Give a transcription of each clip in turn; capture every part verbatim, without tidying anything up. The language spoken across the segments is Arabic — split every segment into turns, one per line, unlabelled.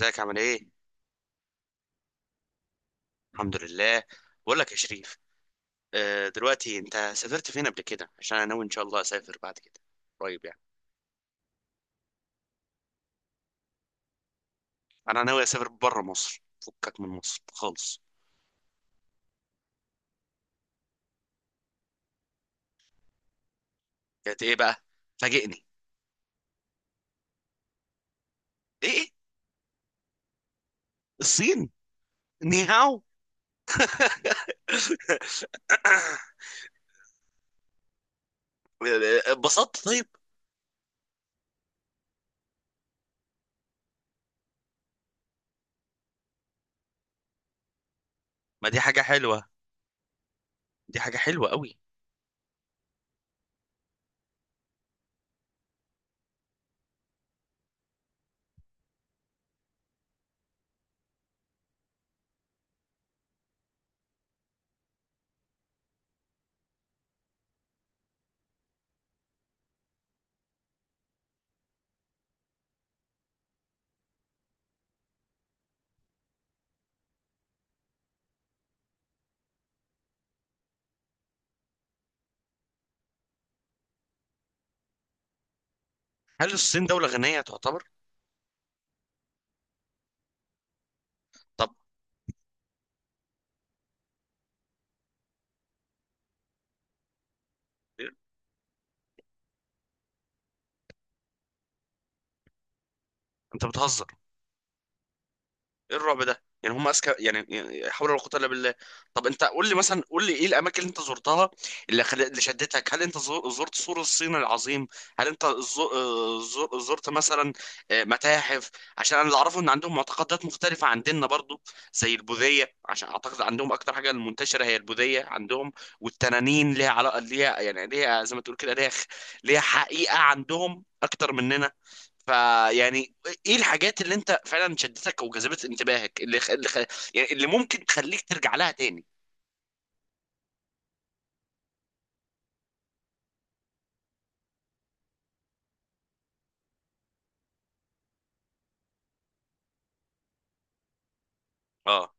ازيك؟ عامل ايه؟ الحمد لله. بقول لك يا شريف، آه، دلوقتي انت سافرت فين قبل كده؟ عشان انا ناوي ان شاء الله اسافر بعد كده قريب يعني. انا ناوي اسافر بره مصر، فكك من مصر خالص. كانت ايه بقى؟ فاجئني. ايه؟ الصين؟ نيهاو. اتبسطت طيب؟ ما دي حاجة حلوة. دي حاجة حلوة قوي. هل الصين دولة غنية تعتبر؟ طب، انت بتهزر. ايه الرعب ده؟ يعني هم اذكى يعني، يعني حول ولا قوه الا بالله. طب انت قول لي مثلا، قول لي ايه الاماكن اللي انت زرتها، اللي خل... اللي شدتك. هل انت زو- زرت سور الصين العظيم؟ هل انت زو... آه، زو... زرت مثلا آه، متاحف؟ عشان انا اللي اعرفه ان عندهم معتقدات مختلفه عن ديننا برضو، زي البوذيه، عشان اعتقد عندهم اكتر حاجه المنتشره هي البوذيه عندهم. والتنانين ليها علاقه، ليها يعني، ليها زي ما تقول كده، ليها خ- ليها حقيقه عندهم اكتر مننا. فيعني ايه الحاجات اللي انت فعلا شدتك وجذبت انتباهك، اللي خ... اللي خ... يعني اللي ممكن تخليك ترجع لها تاني؟ اه،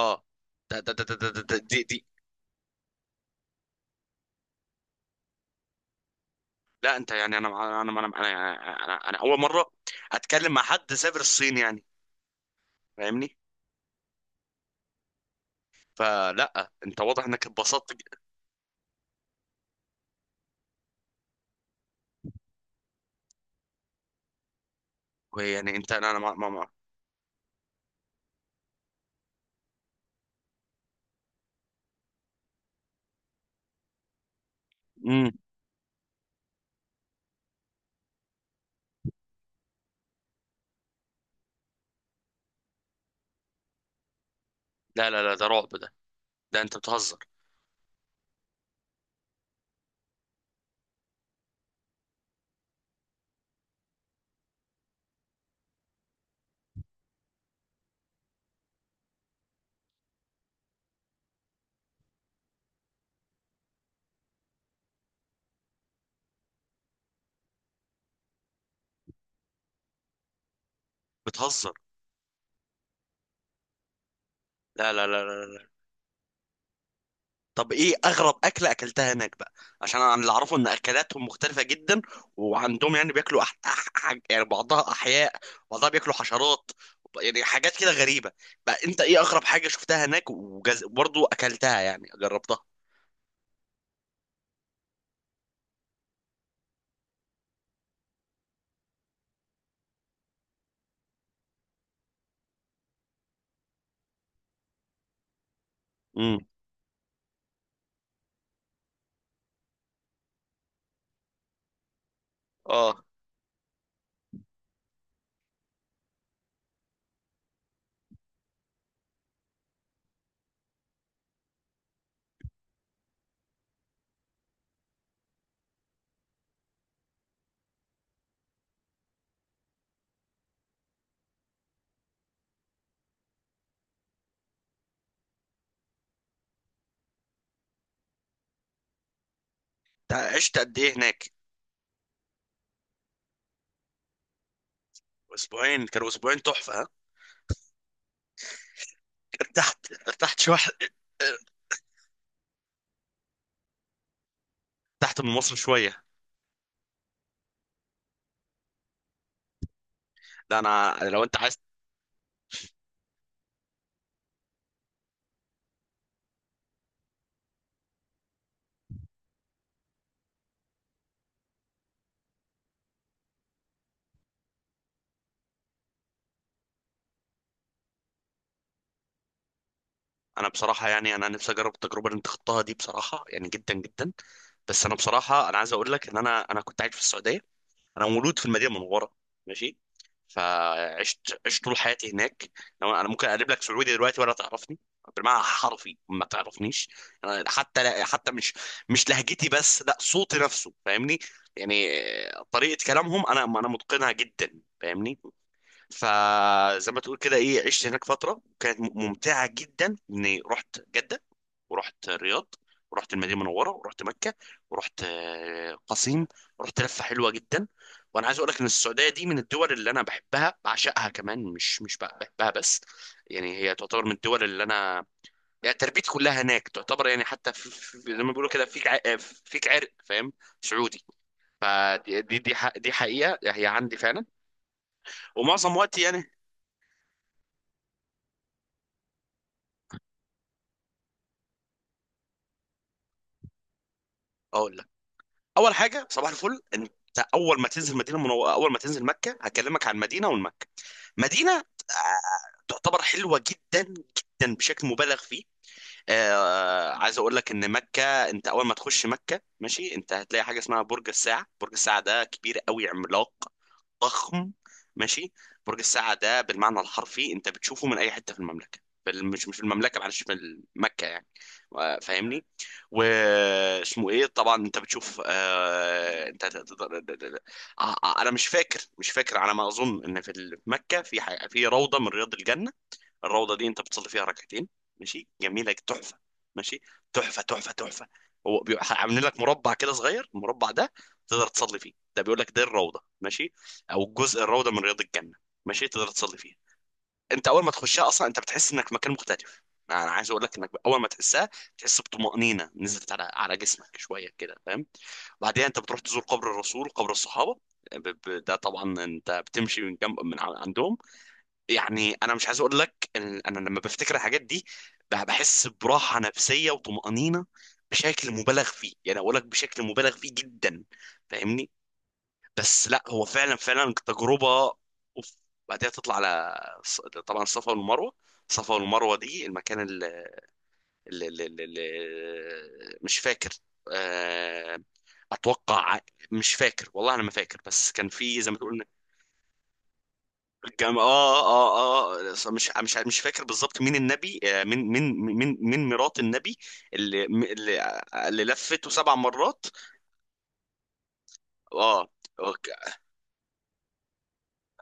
اه. ده ده ده ده ده ده ده- دي دي لا، انت يعني، انا انا انا انا انا, أنا, أنا اول مره اتكلم مع حد سافر الصين يعني، فاهمني؟ فلا، انت واضح انك اتبسطت ج- يعني انت، انا انا ما ما ما- مم. لا لا لا، ده رعب ده. ده انت بتهزر بتهزر لا لا لا لا. طب ايه اغرب اكله اكلتها هناك بقى؟ عشان انا اللي اعرفه ان اكلاتهم مختلفه جدا، وعندهم يعني بياكلوا أح... أح... أح... يعني بعضها احياء، بعضها بياكلوا حشرات، يعني حاجات كده غريبه. بقى انت ايه اغرب حاجه شفتها هناك وجز... برضو اكلتها يعني جربتها؟ امم، اه. تع- عشت قد ايه هناك؟ اسبوعين؟ كانوا اسبوعين تحفه ها؟ ارتحت ارتحت شويه؟ ارتحت من مصر شويه؟ لا، انا لو انت. انا بصراحه يعني انا نفسي اجرب التجربه اللي انت خضتها دي بصراحه، يعني جدا جدا. بس انا بصراحه، انا عايز اقول لك ان انا انا كنت عايش في السعوديه. انا مولود في المدينه المنوره، ماشي. فعشت، عشت طول حياتي هناك. لو انا ممكن اقلب لك سعودي دلوقتي ولا تعرفني، بالمعنى حرفي ما تعرفنيش. أنا حتى، لا حتى مش، مش لهجتي بس لا، صوتي نفسه، فاهمني؟ يعني طريقه كلامهم انا انا متقنها جدا، فاهمني. فزي ما تقول كده، ايه، عشت هناك فتره كانت م- ممتعه جدا. اني رحت جده، ورحت الرياض، ورحت المدينه المنوره، ورحت مكه، ورحت آه، قصيم. رحت لفه حلوه جدا. وانا عايز اقول لك ان السعوديه دي من الدول اللي انا بحبها، بعشقها كمان، مش مش بق- بحبها بس. يعني هي تعتبر من الدول اللي انا، يعني تربيتي كلها هناك تعتبر يعني، حتى في في- زي ما بيقولوا كده فيك ع- آه، فيك عرق، فاهم؟ سعودي. فدي دي دي ح- دي حقيقه هي عندي فعلا. ومعظم وقتي يعني. اقول لك، اول حاجه صباح الفل، انت اول ما تنزل مدينه منو... اول ما تنزل مكه، هكلمك عن المدينه والمكه. مدينه آه، تعتبر حلوه جدا جدا بشكل مبالغ فيه. آه، عايز اقول لك ان مكه، انت اول ما تخش مكه، ماشي، انت هتلاقي حاجه اسمها برج الساعه. برج الساعه ده كبير قوي، عملاق، ضخم، ماشي. برج الساعة ده بالمعنى الحرفي انت بتشوفه من اي حتة في المملكة. بل مش مش في المملكة، معلش، في مكة يعني، آه، فاهمني؟ واسمه ايه طبعا، انت بتشوف آه... انت تقدر- آه، آه، انا مش فاكر، مش فاكر. على ما اظن ان في ال- في مكة في ح- في روضة من رياض الجنة. الروضه دي انت بتصلي فيها ركعتين، ماشي، جميله، تحفه، ماشي، تحفه تحفه تحفه. هو بي- عاملين لك مربع كده صغير. المربع ده تقدر تصلي فيه، ده بيقول لك ده الروضه، ماشي، او جزء الروضه من رياض الجنه، ماشي، تقدر تصلي فيه. انت اول ما تخشها اصلا انت بتحس انك في مكان مختلف. انا عايز اقول لك انك اول ما تحسها، تحس بطمأنينه نزلت على، على جسمك شويه كده، فاهم؟ بعدها انت بتروح تزور قبر الرسول، قبر الصحابه. ب- ب- ده طبعا انت بتمشي من جنب، من ع- عندهم. يعني انا مش عايز اقول لك ان انا لما بفتكر الحاجات دي، ب- بحس براحه نفسيه وطمانينه بشكل مبالغ فيه. يعني اقول لك بشكل مبالغ فيه جدا، فاهمني؟ بس لا، هو فعلا فعلا تجربه. اوف. بعدها تطلع على الص- طبعا الصفا والمروه. الصفا والمروه دي المكان اللي, اللي, اللي, اللي مش فاكر، آه، اتوقع، مش فاكر والله، انا ما فاكر، بس كان في زي ما تقول. الجامعة آه آه آه، مش مش مش فاكر بالظبط مين النبي، آه، مين مين مين مين مرات النبي اللي اللي, اللي لفته سبع مرات. آه.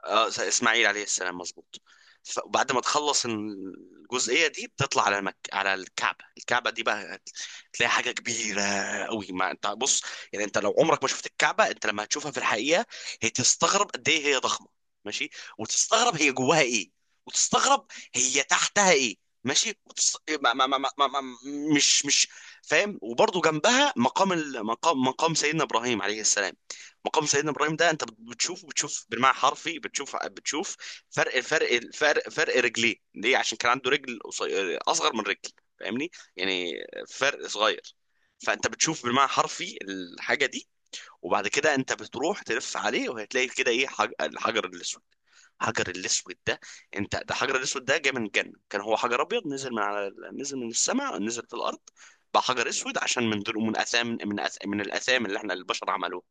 آه، اسماعيل عليه السلام، مظبوط. فبعد ما تخلص الجزئية دي بتطلع على مك... على الكعبة. الكعبة دي بقى تلاقي حاجة كبيرة قوي. ما انت بص، يعني انت لو عمرك ما شفت الكعبة، انت لما هتشوفها في الحقيقة هي، تستغرب قد ايه هي ضخمة، ماشي. وتستغرب هي جواها ايه، وتستغرب هي تحتها ايه، ماشي. وتست... ما ما ما ما ما ما مش مش فاهم؟ وبرضه جنبها مقام ال... مقام مقام سيدنا ابراهيم عليه السلام. مقام سيدنا ابراهيم ده انت بتشوفه، بتشوف بالمعنى حرفي، بتشوف بتشوف فرق فرق فرق فرق رجليه ليه. عشان كان عنده رجل قصي- اصغر من رجل، فاهمني؟ يعني فرق صغير. فانت بتشوف بالمعنى حرفي الحاجه دي. وبعد كده انت بتروح تلف عليه، وهتلاقي كده ايه، حج... الحجر الاسود. الحجر الاسود ده، انت ده الحجر الاسود ده جاي من الجنه، كان هو حجر ابيض نزل من على، نزل من السماء، نزل في الارض، بقى حجر اسود عشان من دول، من اثام، من أث... من الاثام اللي احنا البشر عملوها.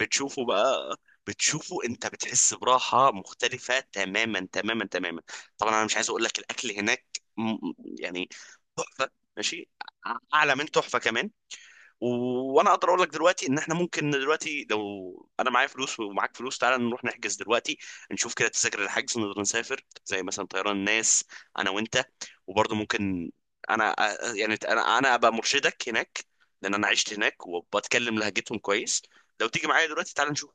بتشوفه بقى، بتشوفه انت، بتحس براحة مختلفة تماما تماما تماما. طبعا انا مش عايز اقول لك، الاكل هناك، م- يعني تحفة، ماشي، أع- اعلى من تحفة كمان. و- وانا اقدر اقول لك دلوقتي ان احنا ممكن دلوقتي، لو انا معايا فلوس ومعاك فلوس، تعالى نروح نحجز دلوقتي، نشوف كده تذاكر الحجز، نقدر نسافر زي مثلا طيران الناس، انا وانت. وبرضه ممكن انا أ- يعني انا انا ابقى مرشدك هناك، لان انا عشت هناك وبتكلم لهجتهم كويس. لو تيجي معايا دلوقتي تعالى نشوف.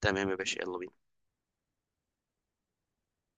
تمام يا باشا، يلا بينا.